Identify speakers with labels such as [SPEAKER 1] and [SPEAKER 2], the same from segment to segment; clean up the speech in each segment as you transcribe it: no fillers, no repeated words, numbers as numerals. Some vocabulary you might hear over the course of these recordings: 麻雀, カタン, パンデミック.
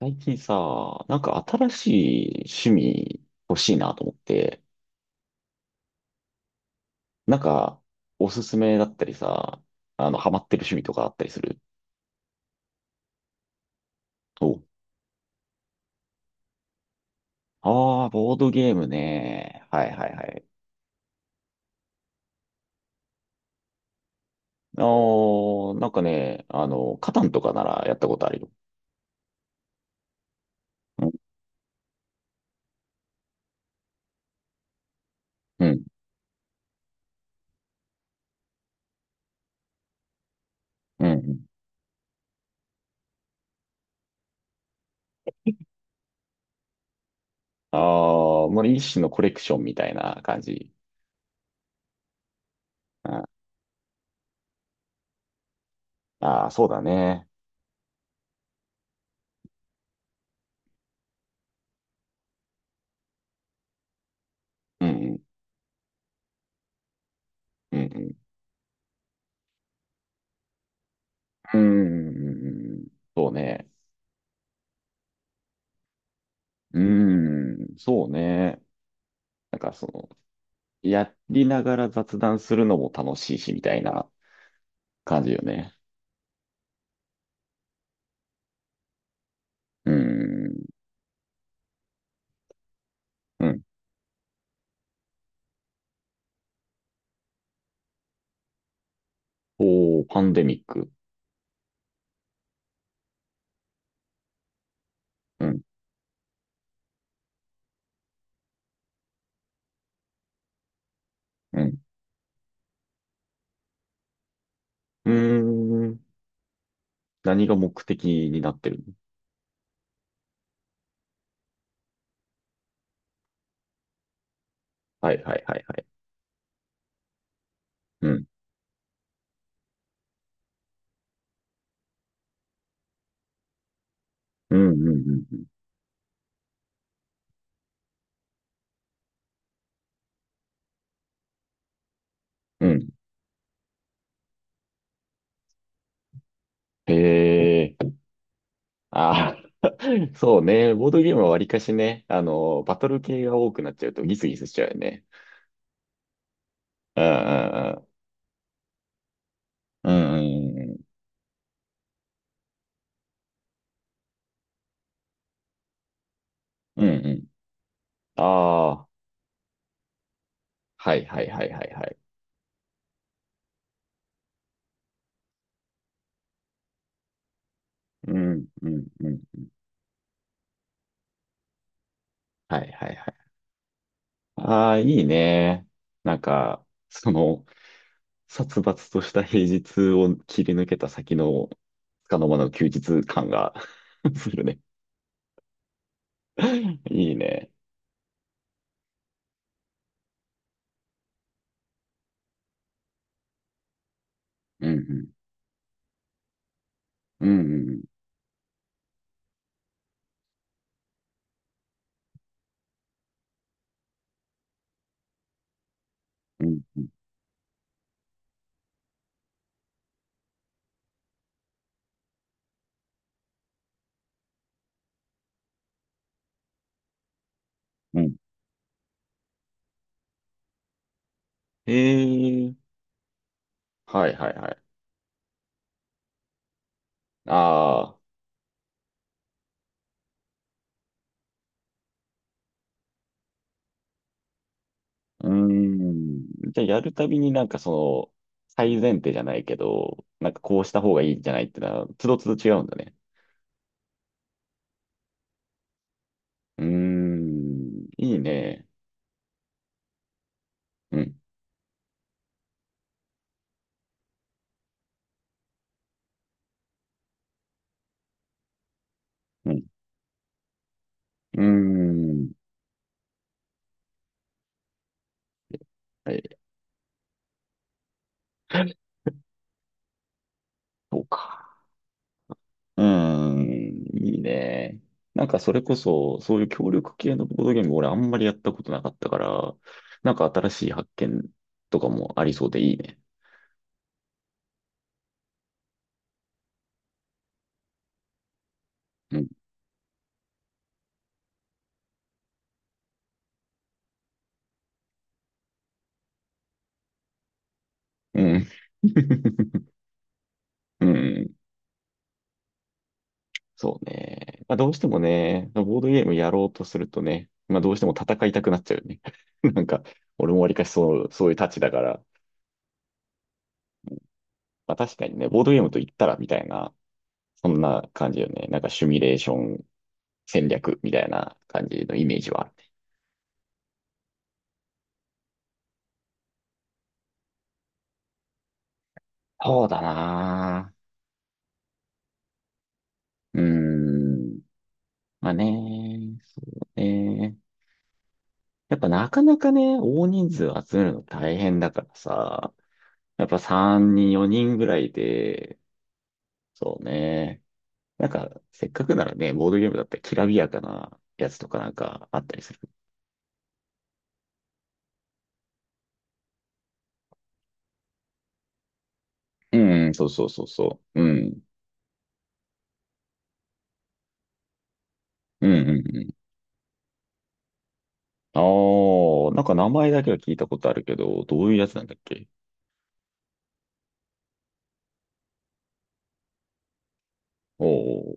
[SPEAKER 1] 最近さ、なんか新しい趣味欲しいなと思って、なんかおすすめだったりさ、ハマってる趣味とかあったりする？お、ああー、ボードゲームね。はいはいはい。あー、なんかね、カタンとかならやったことあるよ。うん、うん、うん。ああ、もう一種のコレクションみたいな感じ。ああー、そうだね。うん、うん、うん、うん、うん、うんうんうん。そうね。うーん、そうね。なんかその、やりながら雑談するのも楽しいし、みたいな感じよね。うーん。うん。おー、パンデミック。うん。うん。うーん。何が目的になってるの？はいはいはいはい。うん。うん、うん、うん、うん。うん。へえ。ああ、そうね。ボードゲームはわりかしね、バトル系が多くなっちゃうとギスギスしちゃうよね。うんうんうん。うんうんうん。うんうん。ああ、はいはいはいはいはい。うんうんうん。はいはいはい。ああ、いいね。なんか、その、殺伐とした平日を切り抜けた先の、束の間の休日感が するね。いいね。うんうん。うんうんうんうんうん。ええー。はいはいはい。ああ、うーん。じゃあやるたびになんかその、最前提じゃないけど、なんかこうした方がいいんじゃないってのは、つどつど違うんだね。うーん、いいね。うん、うん、うーん。はい。そうか。うーん、いいね。なんかそれこそ、そういう協力系のボードゲーム、俺あんまりやったことなかったから、なんか新しい発見とかもありそうでいいね。うん。うん。うん。そうね。まあ、どうしてもね、ボードゲームやろうとするとね、まあ、どうしても戦いたくなっちゃうよね。なんか、俺もわりかしそう、そういうたちだから、まあ、確かにね、ボードゲームと言ったらみたいな、そんな感じよね。なんかシミュレーション戦略みたいな感じのイメージはあるね。そうだなぁ。うーん。まあね、そうね。やっぱなかなかね、大人数集めるの大変だからさ、やっぱ3人、4人ぐらいで、そうね。なんか、せっかくならね、ボードゲームだったらきらびやかなやつとかなんかあったりする？うん、そうそうそうそう。うん。うん、うん、うん。ああ、なんか名前だけは聞いたことあるけど、どういうやつなんだっけ？おおー、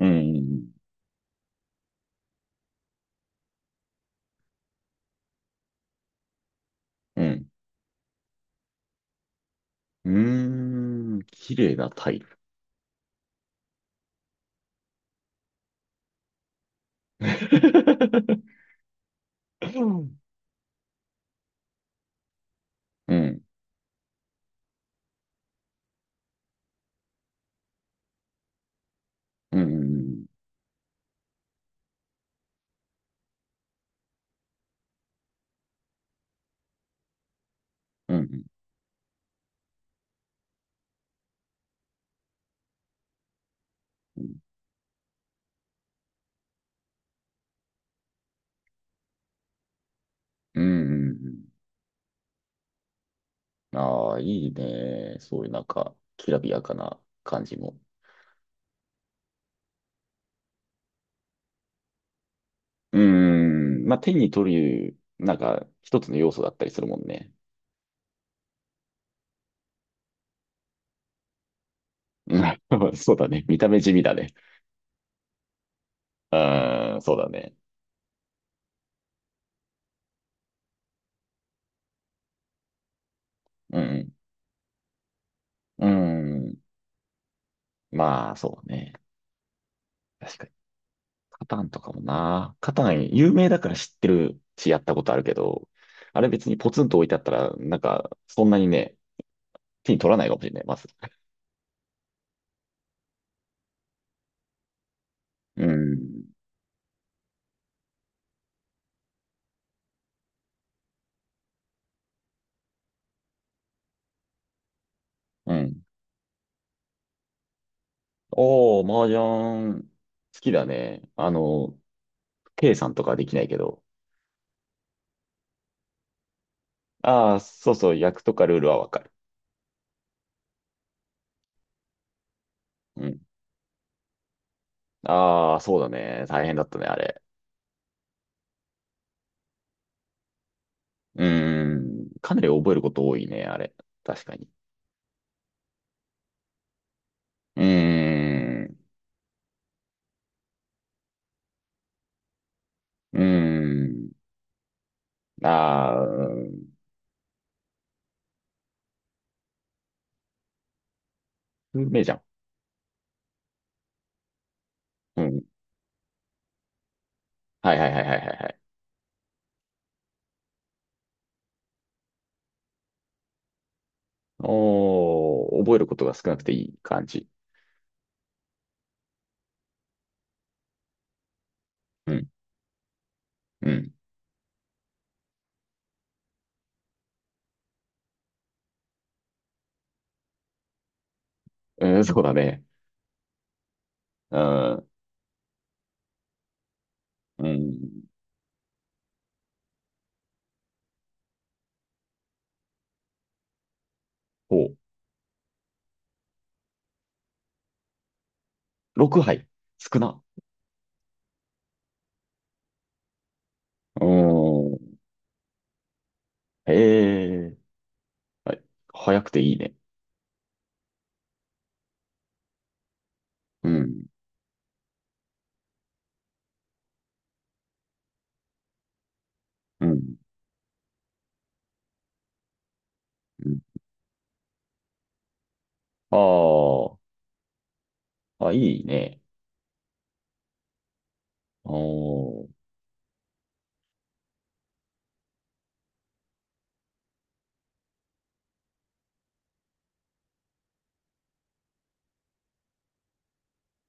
[SPEAKER 1] うん、うん、うん。うーん、綺麗なタイル。うん。うん、うん、うん、うん。ああー、いいね。そういうなんか、きらびやかな感じも。うーん、まあ、手に取る、なんか、一つの要素だったりするもんね。うん。 そうだね。見た目地味だね。うーん、そうだね。うん、うん。まあ、そうね。確かに。カタンとかもな。カタン有名だから知ってるし、やったことあるけど、あれ別にポツンと置いてあったら、なんか、そんなにね、手に取らないかもしれない、まず。うん。うん。おー、麻雀、好きだね。計算とかはできないけど。ああ、そうそう、役とかルールはわかる。うん。ああ、そうだね。大変だったね、あれ。うーん。かなり覚えること多いね、あれ。確かに。うーん。うーん。ああ、うん。じゃん。うん。はいはいはいはいはいはい。おー、覚えることが少なくていい感じ。うん、うん。うん、そうだね。うん、うん。ほう。6杯。少な。うーん。ええ。はい。早くていいね。うん、うん、うん。あー。あ、いいね。おー、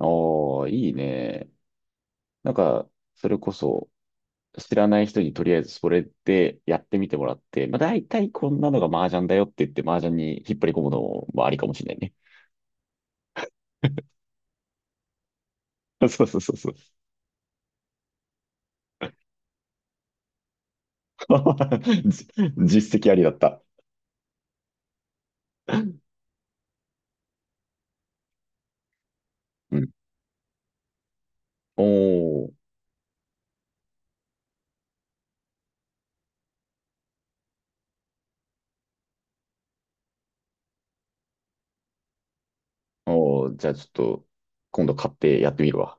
[SPEAKER 1] あーいいね。なんか、それこそ、知らない人にとりあえずそれでやってみてもらって、まあ大体こんなのが麻雀だよって言って麻雀に引っ張り込むのもありかもしれないね。そうそうそうそう。じ、実績ありだった？うん。おー、おー、じゃあちょっと今度買ってやってみるわ。